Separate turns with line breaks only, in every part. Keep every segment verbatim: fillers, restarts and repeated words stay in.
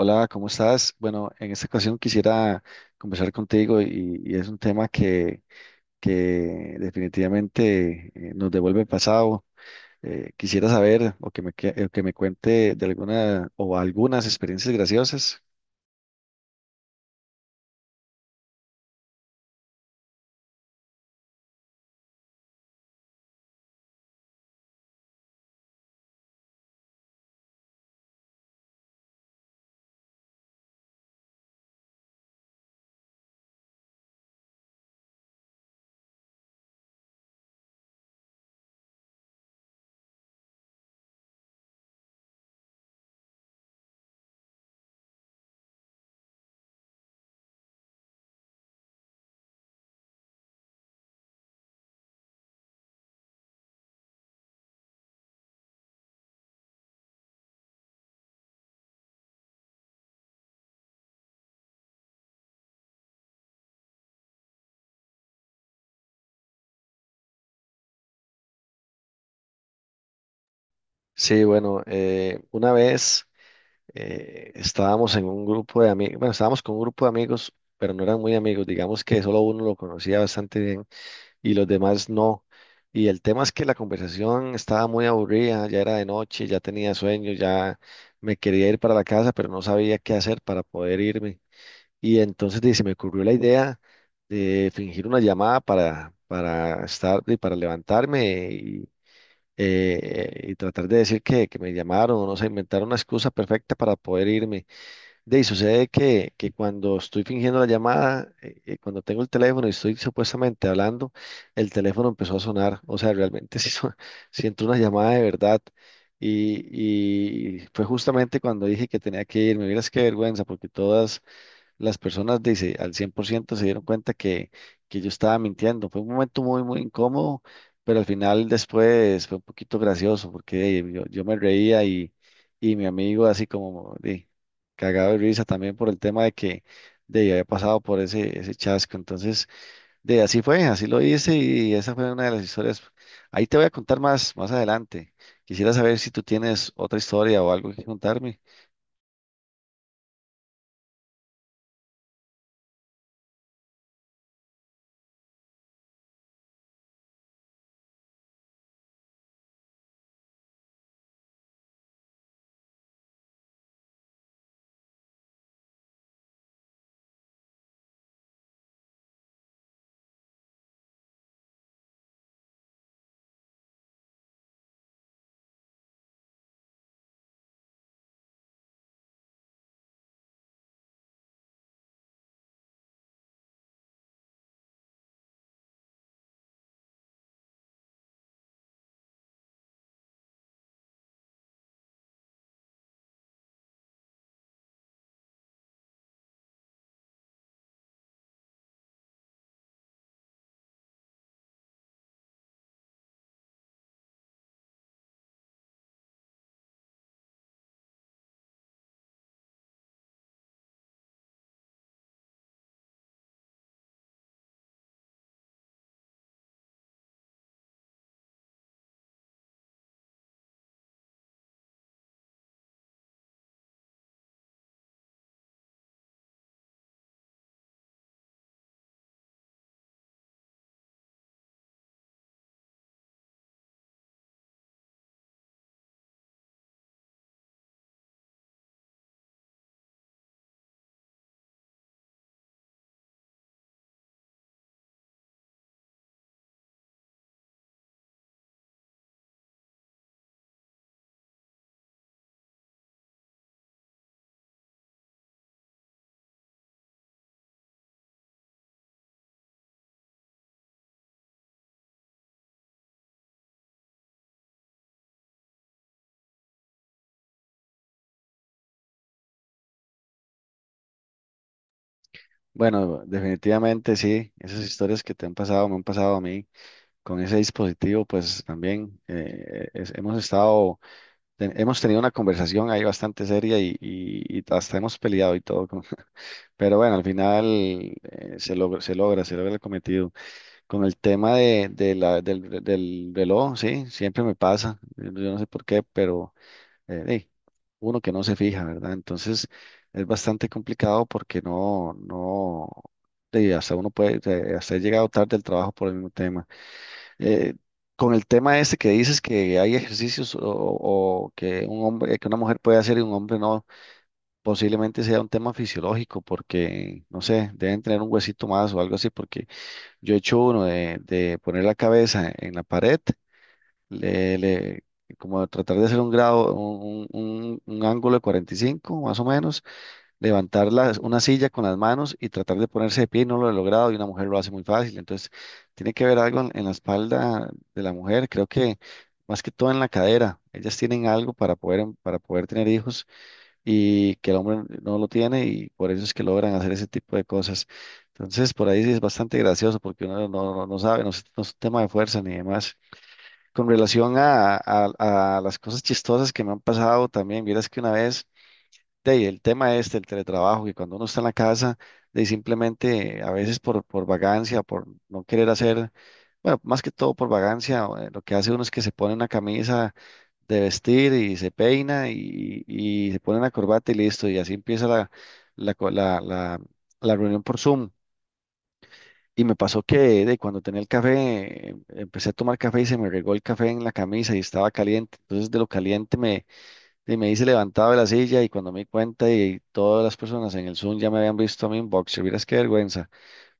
Hola, ¿cómo estás? Bueno, en esta ocasión quisiera conversar contigo y, y es un tema que, que definitivamente eh, nos devuelve el pasado. Eh, quisiera saber o que me, que, o que me cuente de alguna o algunas experiencias graciosas. Sí, bueno, eh, una vez eh, estábamos en un grupo de amigos, bueno, estábamos con un grupo de amigos, pero no eran muy amigos, digamos que solo uno lo conocía bastante bien y los demás no. Y el tema es que la conversación estaba muy aburrida, ya era de noche, ya tenía sueño, ya me quería ir para la casa, pero no sabía qué hacer para poder irme. Y entonces di, se me ocurrió la idea de fingir una llamada para, para estar y para levantarme y, eh, y tratar de decir que, que me llamaron, o no sé, inventar una excusa perfecta para poder irme. De ahí sucede que, que cuando estoy fingiendo la llamada, eh, eh, cuando tengo el teléfono y estoy supuestamente hablando, el teléfono empezó a sonar. O sea, realmente sí, son- sí entró una llamada de verdad. Y, y fue justamente cuando dije que tenía que irme. Miras qué vergüenza, porque todas las personas dice, al cien por ciento se dieron cuenta que, que yo estaba mintiendo. Fue un momento muy, muy incómodo, pero al final después fue un poquito gracioso porque eh, yo, yo me reía y, y mi amigo así como eh, cagado de risa también por el tema de que de, había pasado por ese, ese chasco. Entonces, de así fue, así lo hice y esa fue una de las historias. Ahí te voy a contar más, más adelante. Quisiera saber si tú tienes otra historia o algo que contarme. Bueno, definitivamente sí, esas historias que te han pasado me han pasado a mí con ese dispositivo, pues también eh, es- hemos estado, te- hemos tenido una conversación ahí bastante seria y, y- y hasta hemos peleado y todo, con- pero bueno, al final eh, se logra, se logra, se logra el cometido. Con el tema de, de la, del, del reloj, sí, siempre me pasa, yo no sé por qué, pero eh, eh, uno que no se fija, ¿verdad? Entonces es bastante complicado porque no, no, de, hasta uno puede, de- hasta he llegado tarde del trabajo por el mismo tema. Eh, con el tema este que dices que hay ejercicios o, o que un hombre, que una mujer puede hacer y un hombre no, posiblemente sea un tema fisiológico porque, no sé, deben tener un huesito más o algo así, porque yo he hecho uno de, de poner la cabeza en la pared le, le- como tratar de hacer un grado, un, un- un ángulo de cuarenta y cinco más o menos, levantar las- una silla con las manos y tratar de ponerse de pie, y no lo he logrado y una mujer lo hace muy fácil, entonces tiene que haber algo en, en la espalda de la mujer, creo que más que todo en la cadera, ellas tienen algo para poder, em, para poder tener hijos y que el hombre no lo tiene y por eso es que logran hacer ese tipo de cosas. Entonces, por ahí sí es bastante gracioso porque uno no, no- no sabe, no es no es un tema de fuerza ni demás. Con relación a, a- a las cosas chistosas que me han pasado también, vieras que una vez, de ahí, el tema este, el teletrabajo, que cuando uno está en la casa, de ahí, simplemente a veces por, por vagancia, por no querer hacer, bueno, más que todo por vagancia, o, eh, lo que hace uno es que se pone una camisa de vestir y se peina y, y se pone una corbata y listo, y así empieza la, la, co- la, la la reunión por Zoom. Y me pasó que de cuando tenía el café, em- empecé a tomar café y se me regó el café en la camisa y estaba caliente. Entonces de lo caliente me, de- me hice levantado de la silla y cuando me di cuenta y todas las personas en el Zoom ya me habían visto a mí en boxer. Vieras qué vergüenza,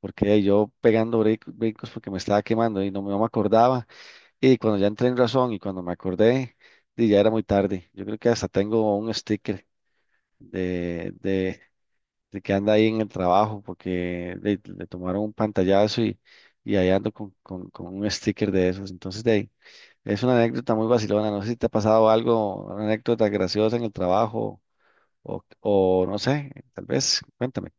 porque yo pegando brin- brincos porque me estaba quemando y no, me no me acordaba. Y cuando ya entré en razón y cuando me acordé, di, ya era muy tarde. Yo creo que hasta tengo un sticker de, de que anda ahí en el trabajo porque le, le tomaron un pantallazo y, y ahí ando con, con, con un sticker de esos. Entonces, de ahí, es una anécdota muy vacilona. No sé si te ha pasado algo, una anécdota graciosa en el trabajo o, o no sé, tal vez, cuéntame.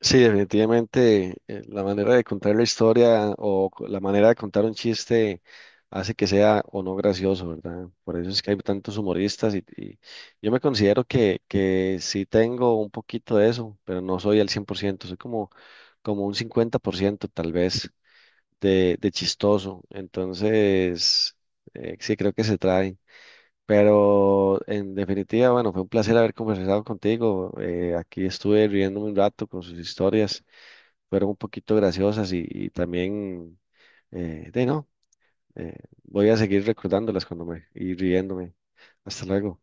Sí, definitivamente eh, la manera de contar la historia o co- la manera de contar un chiste hace que sea o no gracioso, ¿verdad? Por eso es que hay tantos humoristas y, y yo me considero que, que sí tengo un poquito de eso, pero no soy al cien por ciento. Soy como, como un cincuenta por ciento tal vez de, de chistoso. Entonces, eh, sí creo que se trae. Pero en definitiva, bueno, fue un placer haber conversado contigo. eh, aquí estuve riéndome un rato con sus historias, fueron un poquito graciosas y, y también, eh, de no, eh, voy a seguir recordándolas cuando me y riéndome. Hasta luego.